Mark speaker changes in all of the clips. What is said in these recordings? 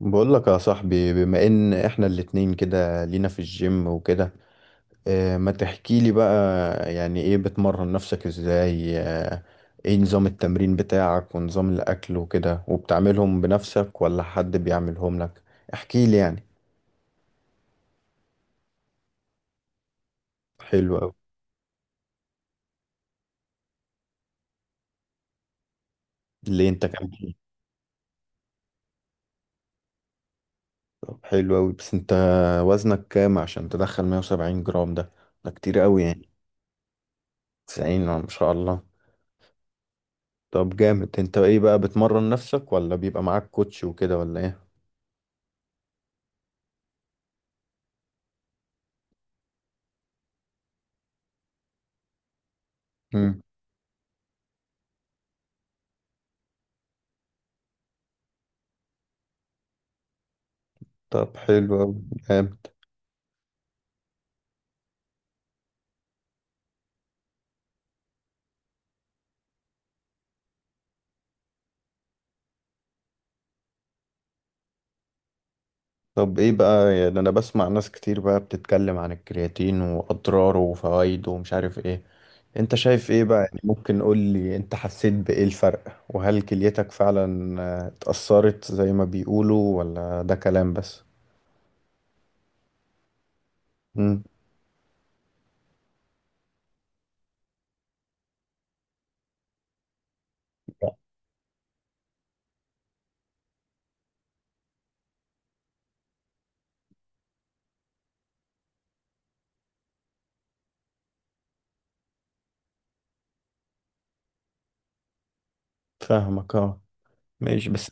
Speaker 1: بقول لك يا صاحبي، بما ان احنا الاتنين كده لينا في الجيم وكده. اه، ما تحكي لي بقى. يعني ايه بتمرن نفسك ازاي اه؟ ايه نظام التمرين بتاعك ونظام الاكل وكده، وبتعملهم بنفسك ولا حد بيعملهم لك؟ احكي لي يعني. حلو قوي. اللي انت كان فيه. طب حلو قوي، بس انت وزنك كام عشان تدخل 170 جرام ده كتير قوي يعني. 90 ما شاء الله. طب جامد. انت ايه بقى، بتمرن نفسك ولا بيبقى معاك كوتش وكده ولا ايه؟ طب حلو أوي. جامد. طب ايه بقى، يعني انا بسمع ناس كتير بقى بتتكلم عن الكرياتين واضراره وفوائده ومش عارف ايه. انت شايف ايه بقى؟ يعني ممكن قول لي انت حسيت بايه الفرق، وهل كليتك فعلا آه، اتأثرت زي ما بيقولوا ولا ده كلام بس؟ امم. فاهمك اه. ماشي بس.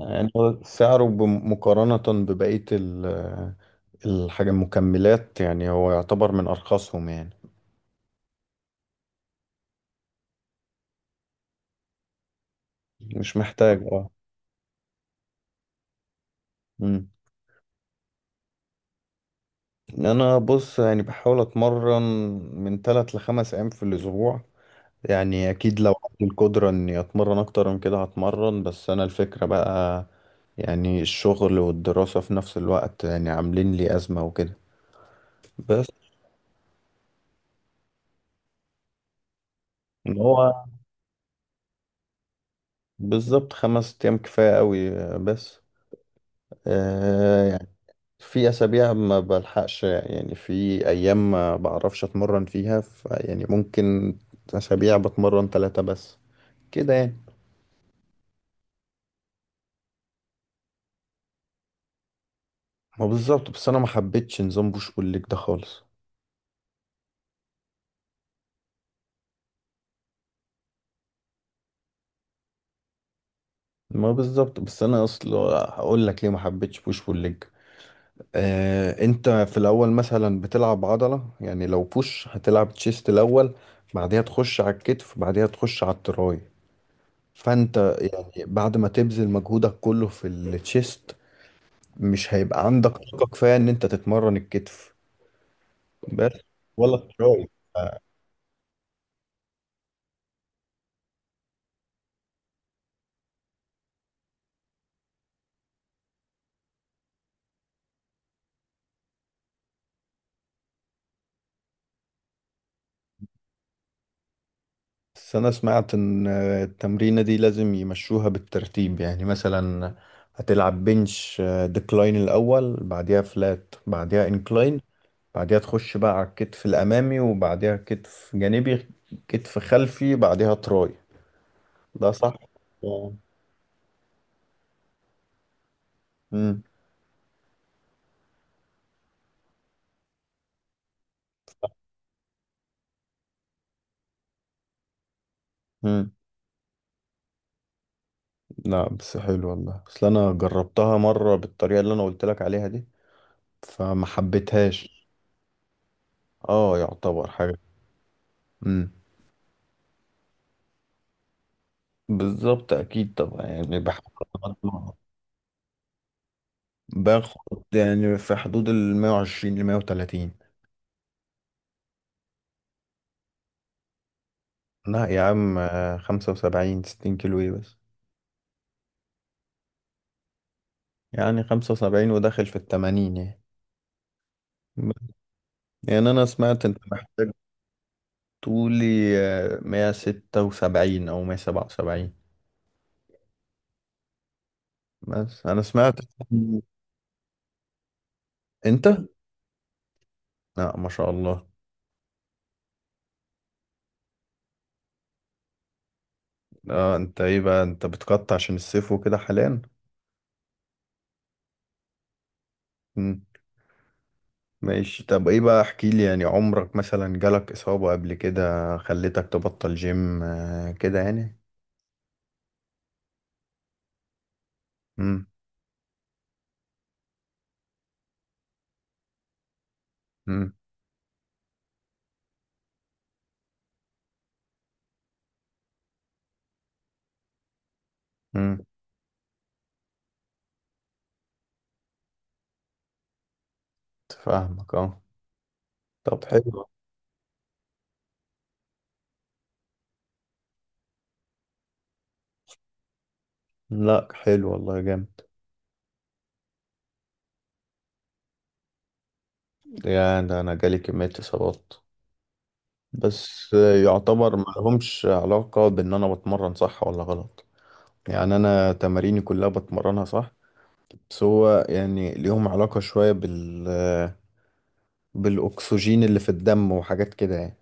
Speaker 1: يعني هو سعره مقارنة ببقية ال- الحاجة المكملات، يعني هو يعتبر من ارخصهم يعني. مش محتاج. اه. انا بص، يعني بحاول اتمرن من ثلاث لخمس ايام في الاسبوع. يعني اكيد لو عندي القدرة اني اتمرن اكتر من كده هتمرن، بس انا الفكرة بقى، يعني الشغل والدراسة في نفس الوقت يعني عاملين لي ازمة وكده. بس. ان هو بالظبط، خمس ايام كفاية قوي. بس آه يعني في اسابيع ما بلحقش، يعني في ايام ما بعرفش اتمرن فيها، ف يعني ممكن اسابيع بتمرن ثلاثة بس كده يعني. ما بالظبط، بس انا ما حبيتش نظام بوش بول ليج ده خالص. ما بالظبط، بس انا اصلا هقول لك ليه ما حبيتش بوش بول ليج. آه، انت في الاول مثلا بتلعب عضله، يعني لو بوش هتلعب تشيست الاول، بعدها تخش على الكتف، بعدها تخش على التراي. فانت يعني بعد ما تبذل مجهودك كله في التشيست مش هيبقى عندك طاقه كفايه ان انت تتمرن الكتف بس، ولا التراي. بس أنا سمعت إن التمرينة دي لازم يمشوها بالترتيب، يعني مثلا هتلعب بنش ديكلاين الأول، بعديها فلات، بعديها انكلاين، بعديها تخش بقى على الكتف الأمامي، وبعديها كتف جانبي، كتف خلفي، بعديها تراي. ده صح؟ آه. مم. مم. لا بس حلو والله، اصل انا جربتها مره بالطريقه اللي انا قلت لك عليها دي فما حبيتهاش. اه يعتبر حاجه. امم. بالظبط، اكيد طبعا. يعني بحب باخد يعني في حدود ال 120 ل 130. لا يا عم آه، 75 60 كيلو ايه بس. يعني 75، وداخل في ال 80 يعني. يعني انا سمعت انت محتاج. طولي آه، 176 او 177. بس انا سمعت. انت. لا ما شاء الله. اه. انت ايه بقى، انت بتقطع عشان الصيف وكده حاليا؟ مم. ماشي. طب ايه بقى، احكي لي يعني عمرك مثلا جالك اصابة قبل كده خلتك تبطل جيم آه، كده يعني؟ امم. امم. امم. فاهمك اه. طب حلو. لا حلو والله، جامد. يا ده انا جالي كمية اصابات، بس يعتبر ما لهمش علاقة بان انا بتمرن صح ولا غلط. يعني انا تماريني كلها بتمرنها صح، بس هو يعني ليهم علاقة شوية بالاكسجين اللي في الدم وحاجات كده يعني.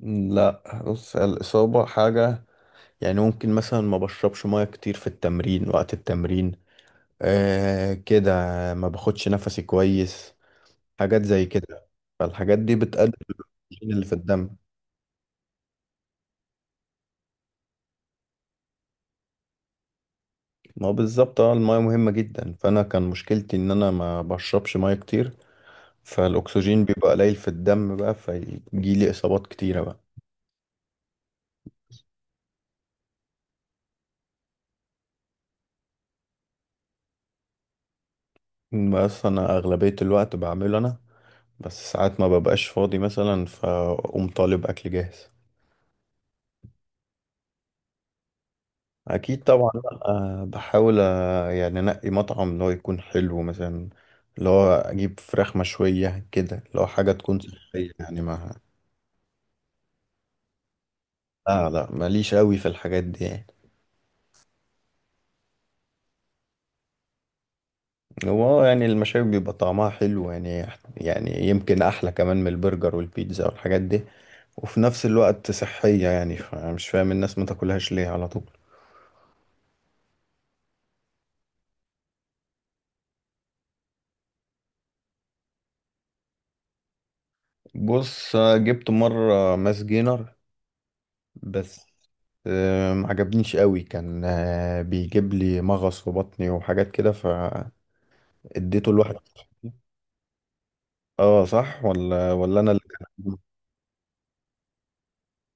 Speaker 1: لا بص، الاصابة حاجة. يعني ممكن مثلا ما بشربش ميه كتير في التمرين، وقت التمرين آه كده، ما باخدش نفسي كويس، حاجات زي كده. فالحاجات دي بتقلل الأكسجين اللي في الدم. ما هو بالظبط اه، المية مهمة جدا. فأنا كان مشكلتي إن أنا ما بشربش مية كتير، فالأكسجين بيبقى قليل في الدم بقى، فيجيلي إصابات كتيرة بقى. بس أنا أغلبية الوقت بعمله أنا، بس ساعات ما ببقاش فاضي مثلا فأقوم طالب أكل جاهز. اكيد طبعا. لأ، أه بحاول، أه يعني انقي مطعم اللي هو يكون حلو مثلا، اللي هو اجيب فراخ مشويه كده، اللي هو حاجه تكون صحيه يعني، ما. لا لا، ماليش قوي في الحاجات دي يعني. هو آه، يعني المشاوي بيبقى طعمها حلو، يعني يعني يمكن احلى كمان من البرجر والبيتزا والحاجات دي، وفي نفس الوقت صحيه يعني. فمش فاهم الناس ما تاكلهاش ليه على طول. بص، أه جبت مره ماس جينر، بس آه ما عجبنيش قوي. كان آه، بيجيب لي مغص في بطني وحاجات كده فاديته لواحد. اه صح، ولا انا اللي كان.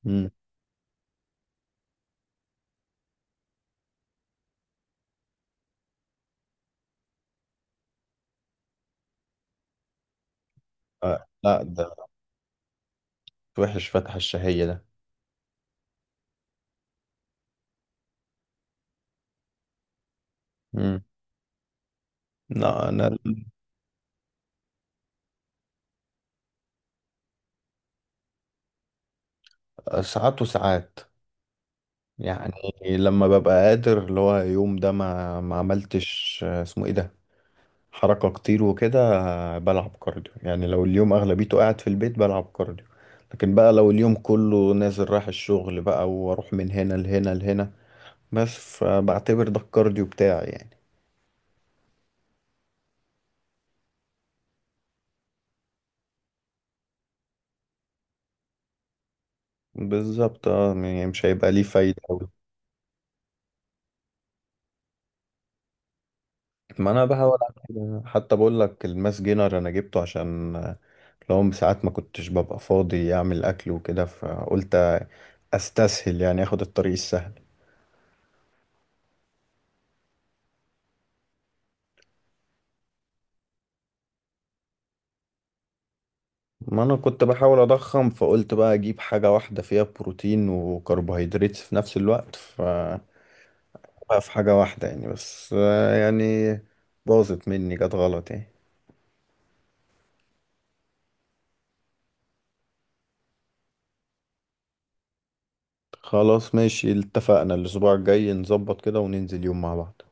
Speaker 1: مم. آه، لا ده وحش فتح الشهية ده. مم. لا انا ساعات وساعات يعني، لما ببقى قادر اللي هو يوم ده ما عملتش آه، اسمه ايه ده، حركة كتير وكده، بلعب كارديو. يعني لو اليوم أغلبيته قاعد في البيت بلعب كارديو، لكن بقى لو اليوم كله نازل رايح الشغل بقى، واروح من هنا لهنا لهنا بس، فبعتبر ده الكارديو بتاعي يعني. بالظبط اه، يعني مش هيبقى ليه فايدة أوي. ما انا بحاول اعمل كده. حتى بقول لك الماس جينر انا جبته عشان لو ساعات ما كنتش ببقى فاضي اعمل اكل وكده فقلت استسهل، يعني اخد الطريق السهل. ما انا كنت بحاول اضخم، فقلت بقى اجيب حاجة واحدة فيها بروتين وكربوهيدرات في نفس الوقت، ف بقى في حاجة واحدة يعني. بس آه يعني باظت مني جت غلط يعني. خلاص، ماشي، اتفقنا الاسبوع الجاي نظبط كده وننزل يوم مع بعض.